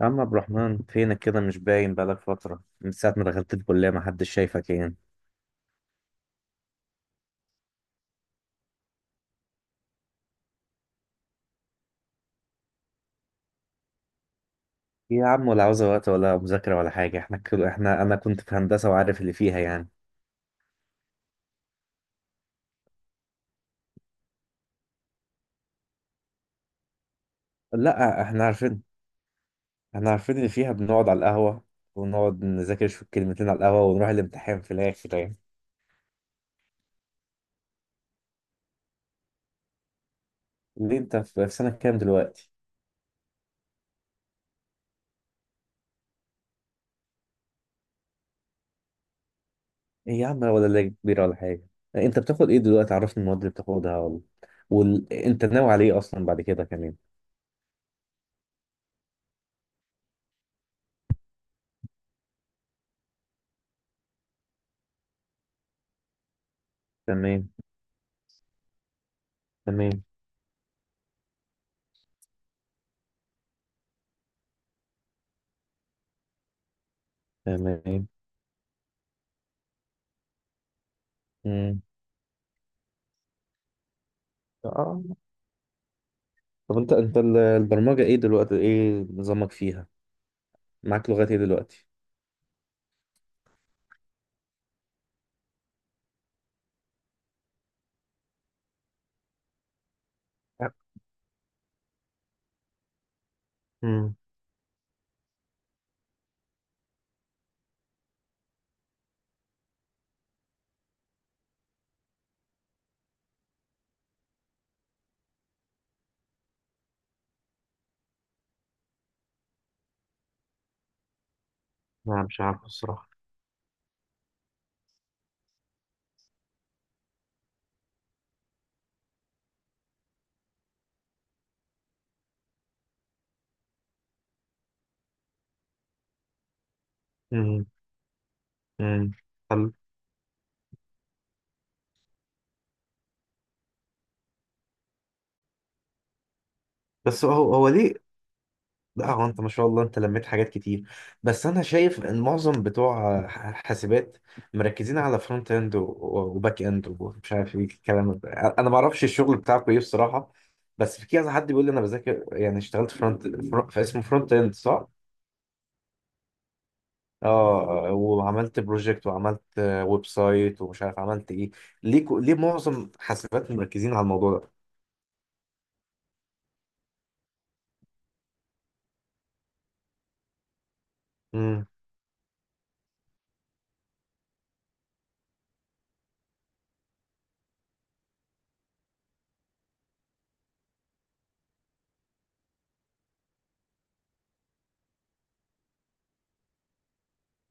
يا عم عبد الرحمن، فينك كده؟ مش باين بقالك فترة، من ساعة ما دخلت الكلية محدش شايفك يعني. إيه يا عم، ولا عاوزة وقت ولا مذاكرة ولا حاجة. احنا كل احنا، أنا كنت في هندسة وعارف اللي فيها يعني. لا احنا عارفين، احنا عارفين اللي فيها، بنقعد على القهوة ونقعد نذاكر شوية كلمتين على القهوة ونروح الامتحان في الآخر يعني. ليه أنت في سنة كام دلوقتي؟ إيه يا عم، ولا لا كبيرة ولا حاجة. أنت بتاخد إيه دلوقتي؟ عرفني المواد اللي بتاخدها، ولا أنت ناوي على إيه أصلا بعد كده كمان؟ تمام. تمام. تمام. مم. اه. طب انت البرمجة ايه دلوقتي؟ ايه نظامك فيها؟ معاك لغات ايه دلوقتي؟ امم. لا مش عارف الصراحة. امم. امم. حلو. بس هو ليه؟ لا هو انت ما شاء الله انت لميت حاجات كتير، بس انا شايف ان معظم بتوع حاسبات مركزين على فرونت اند وباك اند ومش عارف ايه الكلام ده، انا ما اعرفش الشغل بتاعكم ايه الصراحة. بس في كذا حد بيقول لي انا بذاكر، يعني اشتغلت فرونت، فاسمه فرونت اند صح؟ اه، وعملت بروجكت وعملت ويب سايت ومش عارف عملت ايه. ليه ليه معظم حاسبات مركزين على الموضوع ده؟ امم.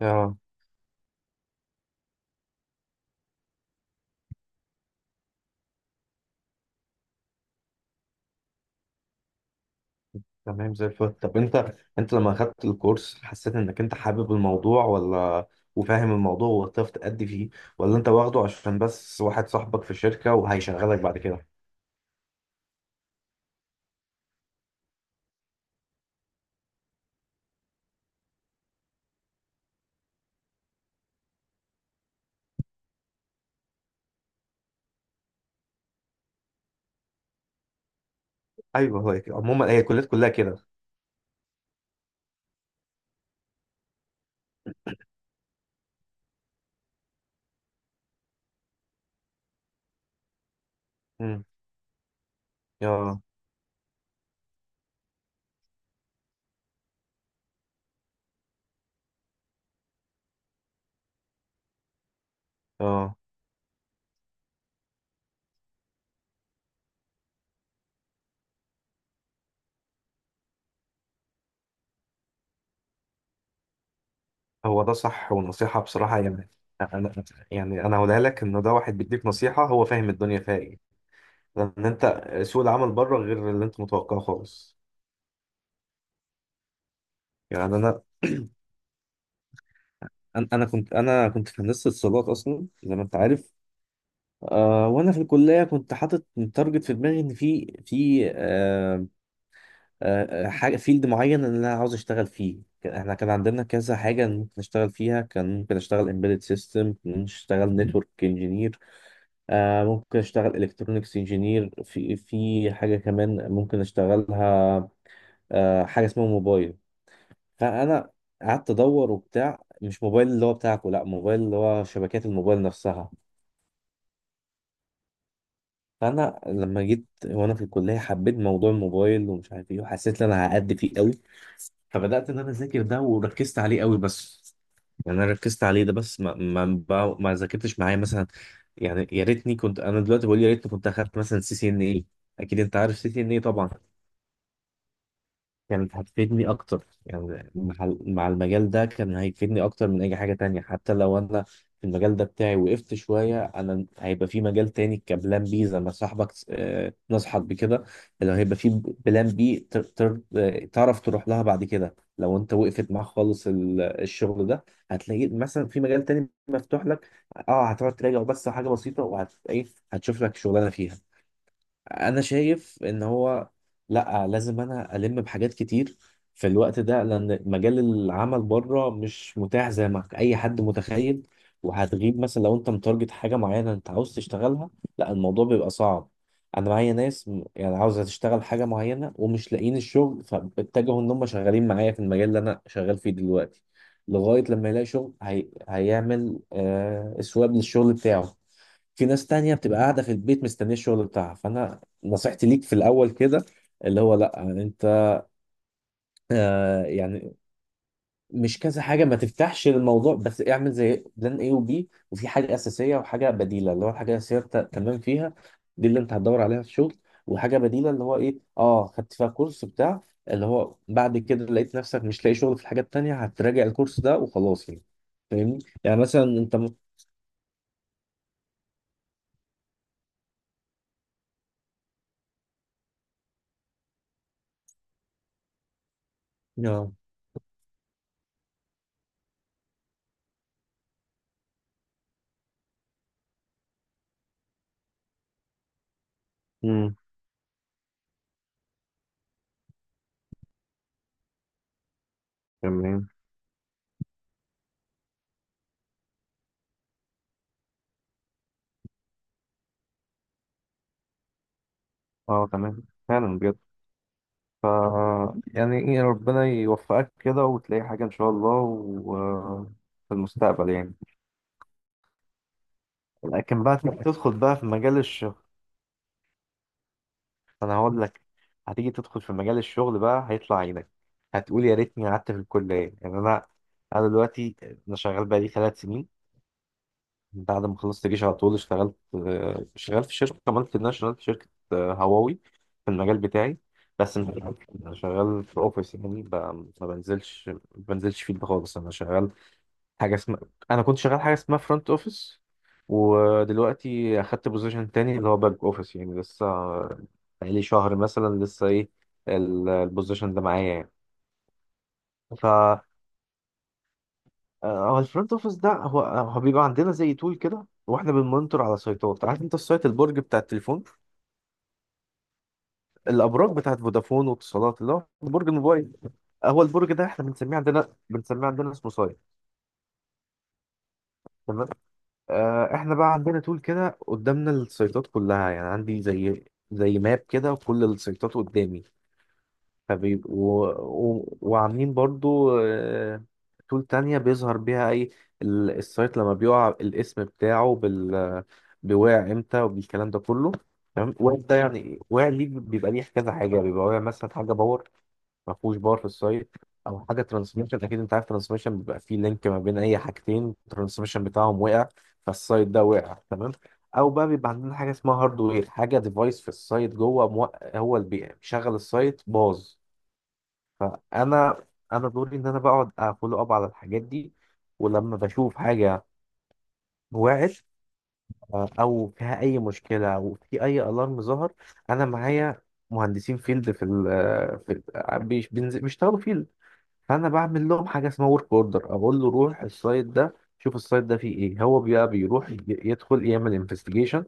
اه. تمام زي الفل. طب انت لما اخدت الكورس حسيت انك انت حابب الموضوع، ولا وفاهم الموضوع وهتعرف تأدي فيه، ولا انت واخده عشان بس واحد صاحبك في الشركة وهيشغلك بعد كده؟ ايوه هو كده. عموما هي الكليات كلها كده. امم. اه. اه. هو ده صح، ونصيحة بصراحة يعني. أنا يعني أنا هقولها لك، إن ده واحد بيديك نصيحة هو فاهم الدنيا فيها إيه، لأن أنت سوق العمل بره غير اللي أنت متوقعه خالص. يعني أنا، أنا كنت في هندسة اتصالات أصلا زي ما أنت عارف. آه، وأنا في الكلية كنت حاطط تارجت في دماغي، إن في حاجة فيلد معين إن أنا عاوز أشتغل فيه. احنا كان عندنا كذا حاجة ممكن أشتغل فيها، كان ممكن أشتغل embedded system، ممكن أشتغل network engineer، آه ممكن اشتغل الكترونكس انجينير، في حاجه كمان ممكن اشتغلها، آه حاجه اسمها موبايل. فانا قعدت ادور وبتاع، مش موبايل اللي هو بتاعكم، لا، موبايل اللي هو شبكات الموبايل نفسها. فانا لما جيت وانا في الكليه حبيت موضوع الموبايل ومش عارف ايه، وحسيت ان انا هأدي فيه قوي، فبدات ان انا اذاكر ده وركزت عليه قوي. بس يعني انا ركزت عليه ده بس، ما ذاكرتش معايا مثلا. يعني يا ريتني، كنت انا دلوقتي بقول يا ريتني كنت اخدت مثلا سي سي ان اي. اكيد انت عارف سي سي ان اي طبعا. كانت هتفيدني اكتر، يعني مع المجال ده كان هيفيدني اكتر من اي حاجة تانية. حتى لو انا في المجال ده بتاعي وقفت شوية، انا هيبقى في مجال تاني كبلان بي، زي ما صاحبك نصحك بكده، اللي هيبقى في بلان بي تعرف تروح لها بعد كده لو انت وقفت معاك خالص الشغل ده. هتلاقي مثلا في مجال تاني مفتوح لك، اه هتقعد تراجع بس حاجة بسيطة وهت ايه، هتشوف لك شغلانة فيها. انا شايف ان هو، لا لازم انا الم بحاجات كتير في الوقت ده، لان مجال العمل بره مش متاح زي ما اي حد متخيل. وهتغيب مثلا، لو انت متارجت حاجه معينه انت عاوز تشتغلها، لا الموضوع بيبقى صعب. انا معايا ناس يعني عاوزه تشتغل حاجه معينه ومش لاقيين الشغل، فاتجهوا ان هم شغالين معايا في المجال اللي انا شغال فيه دلوقتي لغايه لما يلاقي شغل. هيعمل اسواب للشغل بتاعه. في ناس تانية بتبقى قاعدة في البيت مستنية الشغل بتاعها. فأنا نصيحتي ليك في الأول كده، اللي هو لأ أنت يعني مش كذا حاجة، ما تفتحش الموضوع، بس اعمل زي بلان A وبي، وفي حاجة أساسية وحاجة بديلة. اللي هو الحاجة الأساسية أنت تمام فيها، دي اللي أنت هتدور عليها في الشغل. وحاجة بديلة اللي هو إيه، أه خدت فيها كورس بتاع، اللي هو بعد كده لقيت نفسك مش لاقي شغل في الحاجة التانية، هتراجع الكورس ده وخلاص يعني. فاهمني يعني، مثلا أنت آه. امم. تمام. اه تمام فعلا بجد. ف يعني ربنا يوفقك كده وتلاقي حاجة إن شاء الله و... في المستقبل يعني. لكن بقى تيجي تدخل بقى في مجال الشغل، أنا هقول لك، هتيجي تدخل في مجال الشغل بقى هيطلع عينك، هتقول يا ريتني قعدت في الكلية. يعني أنا، أنا دلوقتي، أنا شغال بقالي 3 سنين. بعد ما خلصت جيش على طول اشتغلت شغال في شركة مالتي ناشونال، في شركة هواوي، في المجال بتاعي. بس مش- أنا شغال في أوفيس يعني ما بنزلش فيلد خالص. أنا شغال حاجه اسمها، انا كنت شغال حاجه اسمها فرونت اوفيس، ودلوقتي اخدت بوزيشن تاني اللي هو باك اوفيس. يعني لسه بقالي شهر مثلا، لسه ايه البوزيشن ده معايا يعني. ف آه، هو الفرونت اوفيس ده، هو بيبقى عندنا زي تول كده، واحنا بنمونيتور على سايتات. عارف انت السايت، البرج بتاع التليفون، الابراج بتاعت فودافون واتصالات اللي هو برج الموبايل؟ هو البرج ده احنا بنسميه عندنا اسمه سايت. تمام. آه، احنا بقى عندنا تول كده قدامنا السيطات كلها، يعني عندي زي، زي ماب كده وكل السيطات قدامي. فبيبقوا و... وعاملين برضو تول تانية بيظهر بيها اي السايت لما بيقع، الاسم بتاعه بال، بيوقع امتى وبالكلام ده كله. تمام، واقع ده يعني واقع ليه، بيبقى ليه كذا حاجة. بيبقى واقع مثلا حاجة باور، ما فيهوش باور في السايت، او حاجه ترانسميشن. اكيد انت عارف ترانسميشن، بيبقى فيه لينك ما بين اي حاجتين الترانسميشن بتاعهم وقع، فالسايت ده وقع تمام. او بقى بيبقى عندنا حاجه اسمها هاردوير، حاجه ديفايس في السايت جوه هو اللي بيشغل السايت باظ. فانا انا دوري ان انا بقعد افولو اب على الحاجات دي، ولما بشوف حاجه وقعت، او فيها اي مشكله، او في اي الارم ظهر، انا معايا مهندسين فيلد في بيشتغلوا فيلد. فانا بعمل لهم حاجه اسمها ورك اوردر، اقول له روح السايت ده شوف السايت ده فيه ايه، هو بقى بيروح يدخل يعمل انفستيجيشن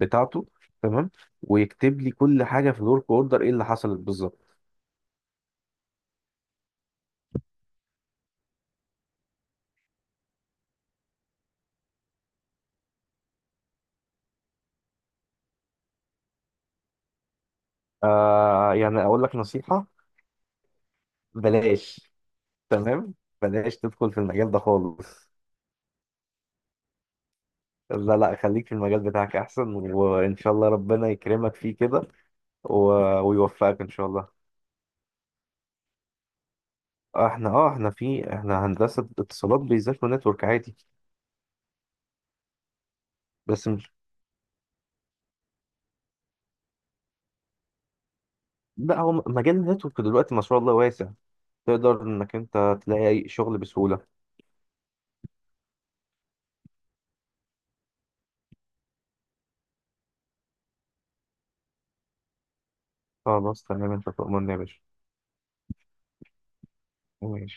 بتاعته. تمام، ويكتب لي كل حاجه في الورك اوردر ايه اللي حصلت بالظبط. آه يعني اقول لك نصيحه، بلاش، تمام، بلاش تدخل في المجال ده خالص. لا لا خليك في المجال بتاعك احسن، وان شاء الله ربنا يكرمك فيه كده ويوفقك ان شاء الله. آه، احنا اه احنا في احنا هندسه اتصالات بيذاكروا نتورك عادي. بس لا، هو مجال النتورك دلوقتي ما شاء الله واسع، تقدر انك انت تلاقي اي شغل بسهولة. خلاص تمام انت تؤمرني يا باشا. ماشي.